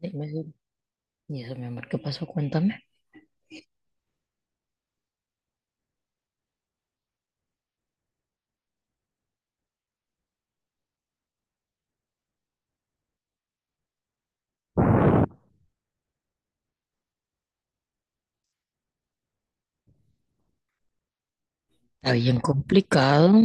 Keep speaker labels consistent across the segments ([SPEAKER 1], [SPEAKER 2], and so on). [SPEAKER 1] Dime, y eso, mi amor, ¿qué pasó? Cuéntame. Está bien complicado.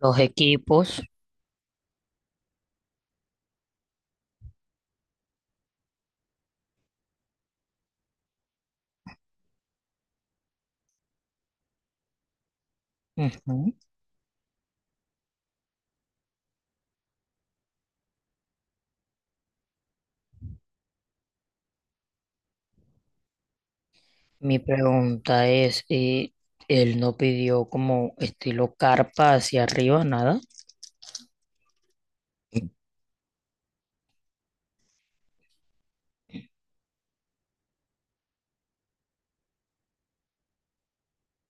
[SPEAKER 1] Los equipos. Ujú. Mi pregunta es, él no pidió como estilo carpa hacia arriba, nada.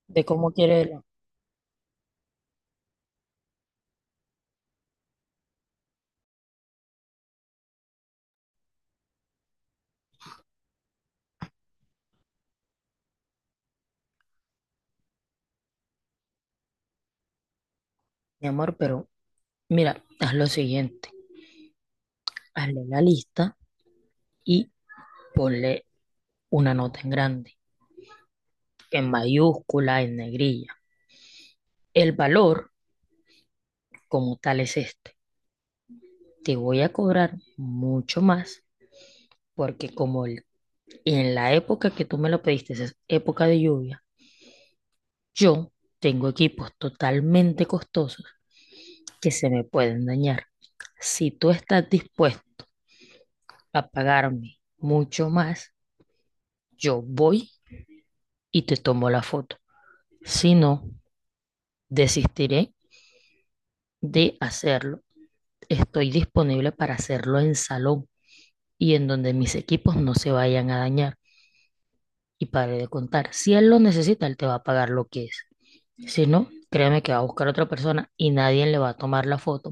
[SPEAKER 1] De cómo quiere él. Mi amor, pero mira, haz lo siguiente. Hazle la lista y ponle una nota en grande, en mayúscula, en negrilla. El valor como tal es este. Te voy a cobrar mucho más porque como el en la época que tú me lo pediste, esa es época de lluvia, yo tengo equipos totalmente costosos que se me pueden dañar. Si tú estás dispuesto a pagarme mucho más, yo voy y te tomo la foto. Si no, desistiré de hacerlo. Estoy disponible para hacerlo en salón y en donde mis equipos no se vayan a dañar. Y para de contar, si él lo necesita, él te va a pagar lo que es. Si no, créame que va a buscar a otra persona y nadie le va a tomar la foto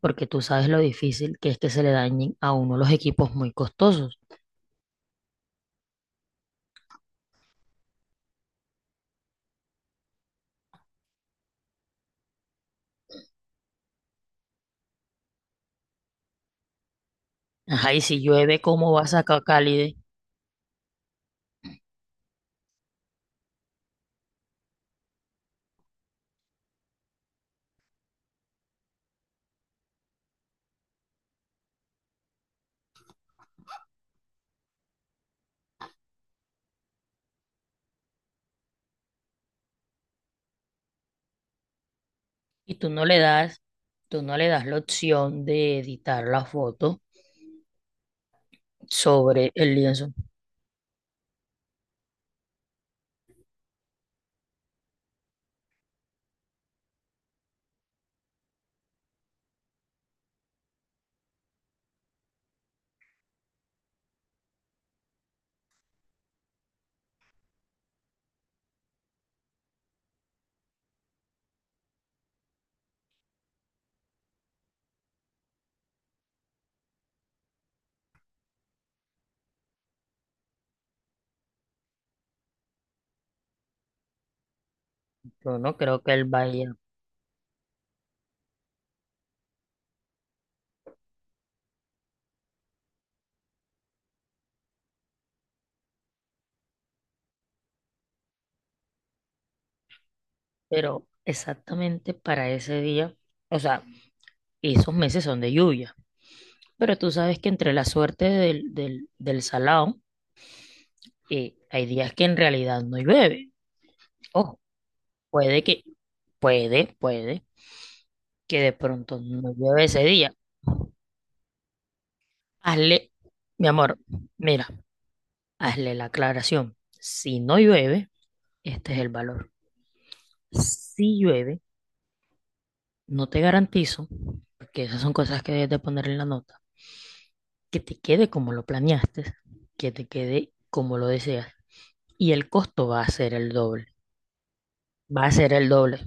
[SPEAKER 1] porque tú sabes lo difícil que es que se le dañen a uno los equipos muy costosos. Ajá, y si llueve, ¿cómo vas a sacar Cálide? Y tú no le das, tú no le das la opción de editar la foto sobre el lienzo. Yo no creo que él vaya, pero exactamente para ese día, o sea, esos meses son de lluvia. Pero tú sabes que entre la suerte del salado, hay días que en realidad no llueve. Ojo, puede que, puede que de pronto no llueve ese día. Hazle, mi amor, mira, hazle la aclaración. Si no llueve, este es el valor. Si llueve, no te garantizo, porque esas son cosas que debes de poner en la nota, que te quede como lo planeaste, que te quede como lo deseas. Y el costo va a ser el doble. Va a ser el doble.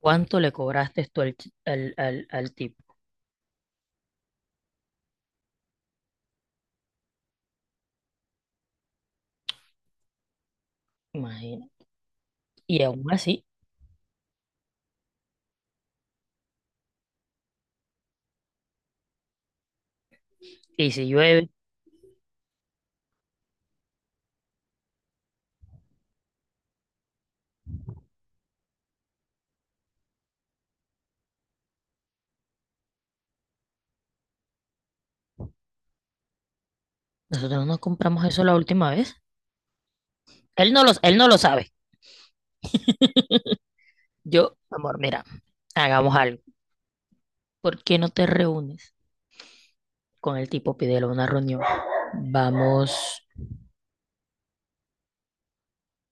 [SPEAKER 1] ¿Cuánto le cobraste tú al, ch- al, al, al tipo? Imagínate. Y aún así, y si llueve, nosotros no compramos eso la última vez. Él no lo sabe. Yo, amor, mira, hagamos algo. ¿Por qué no te reúnes con el tipo? Pídele una reunión. Vamos,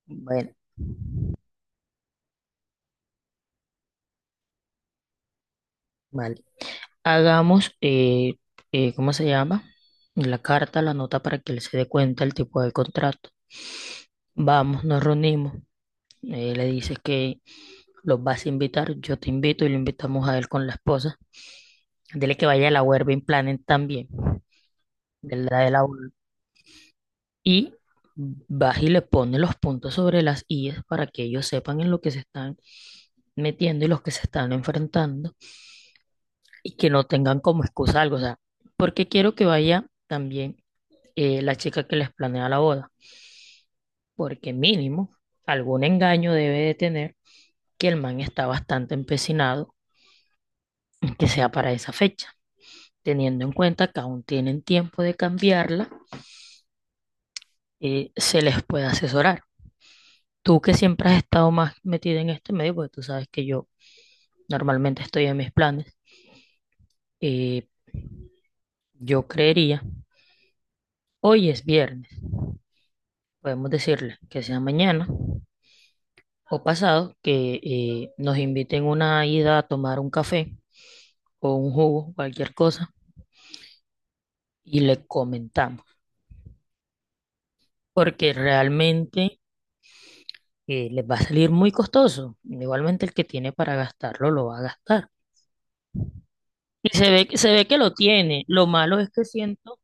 [SPEAKER 1] bueno, vale. Hagamos, ¿cómo se llama? La carta, la nota para que él se dé cuenta el tipo de contrato. Vamos, nos reunimos. Le dices que los vas a invitar, yo te invito y lo invitamos a él con la esposa. Dile que vaya a la Werbing Planet también, de la y vas y le pones los puntos sobre las íes para que ellos sepan en lo que se están metiendo y los que se están enfrentando y que no tengan como excusa algo. O sea, porque quiero que vaya también la chica que les planea la boda, porque mínimo algún engaño debe de tener que el man está bastante empecinado en que sea para esa fecha, teniendo en cuenta que aún tienen tiempo de cambiarla, se les puede asesorar. Tú que siempre has estado más metida en este medio, porque tú sabes que yo normalmente estoy en mis planes y yo creería, hoy es viernes, podemos decirle que sea mañana o pasado, que nos inviten una ida a tomar un café o un jugo, cualquier cosa, y le comentamos, porque realmente les va a salir muy costoso. Igualmente el que tiene para gastarlo lo va a gastar. Y se ve, se ve que lo tiene. Lo malo es que siento...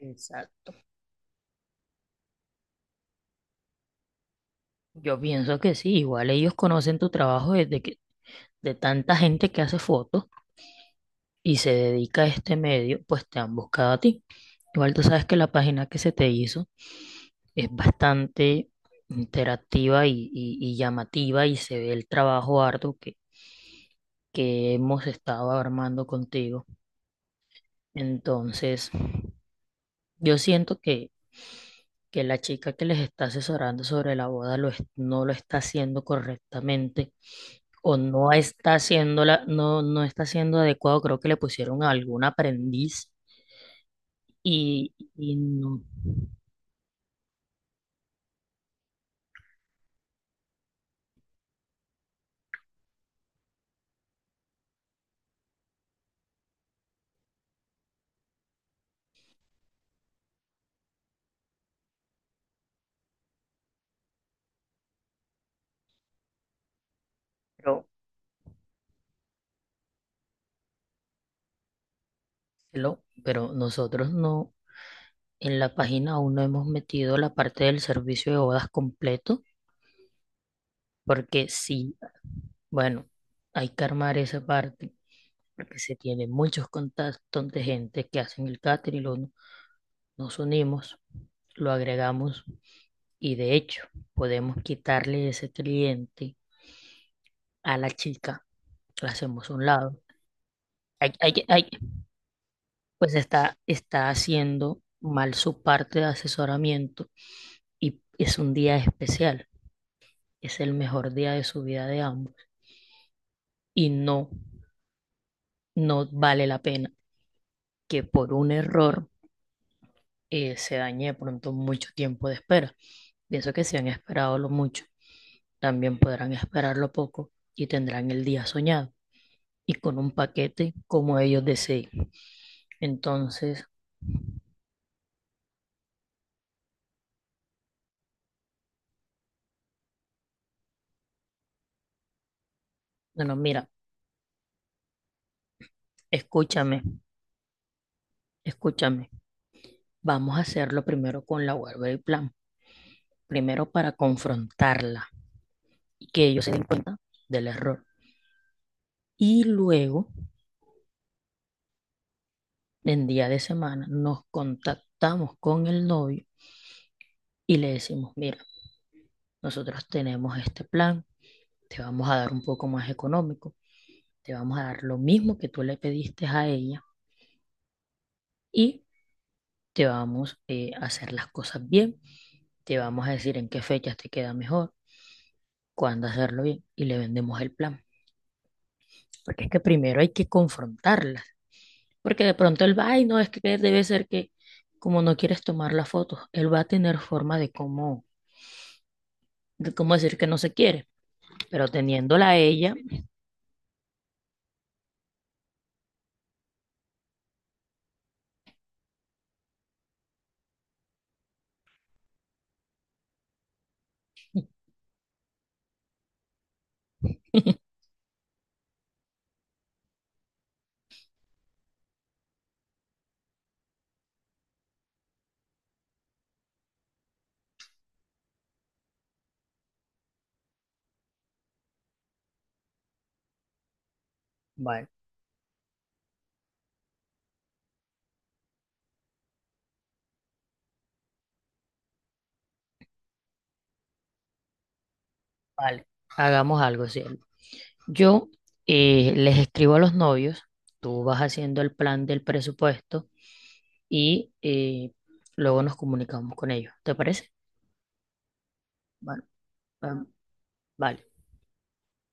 [SPEAKER 1] Exacto. Yo pienso que sí, igual ellos conocen tu trabajo desde que de tanta gente que hace fotos y se dedica a este medio, pues te han buscado a ti. Igual tú sabes que la página que se te hizo es bastante interactiva y llamativa y se ve el trabajo arduo que hemos estado armando contigo. Entonces, yo siento que la chica que les está asesorando sobre la boda no lo está haciendo correctamente o no está haciendo no está haciendo adecuado. Creo que le pusieron a algún aprendiz no, pero, pero nosotros no, en la página aún no hemos metido la parte del servicio de bodas completo, porque sí, bueno, hay que armar esa parte, porque se tienen muchos contactos de gente que hacen el catering, nos unimos, lo agregamos y de hecho podemos quitarle ese cliente a la chica, la hacemos a un lado. Hay, hay, hay, pues está, está haciendo mal su parte de asesoramiento y es un día especial, es el mejor día de su vida de ambos y no, no vale la pena que por un error se dañe de pronto mucho tiempo de espera. Pienso que si han esperado lo mucho, también podrán esperarlo poco y tendrán el día soñado y con un paquete como ellos deseen. Entonces, bueno, mira, escúchame, escúchame. Vamos a hacerlo primero con la web del plan, primero para confrontarla y que ellos se den cuenta del error. Y luego, en día de semana, nos contactamos con el novio y le decimos, mira, nosotros tenemos este plan, te vamos a dar un poco más económico, te vamos a dar lo mismo que tú le pediste a ella y te vamos a hacer las cosas bien, te vamos a decir en qué fechas te queda mejor, cuándo hacerlo bien y le vendemos el plan. Porque es que primero hay que confrontarla. Porque de pronto él va y no es que debe ser que como no quieres tomar la foto, él va a tener forma de cómo decir que no se quiere, pero teniéndola a ella, vale, vale, hagamos algo, cielo. Yo les escribo a los novios, tú vas haciendo el plan del presupuesto y luego nos comunicamos con ellos, ¿te parece? Vale. Ah, vale.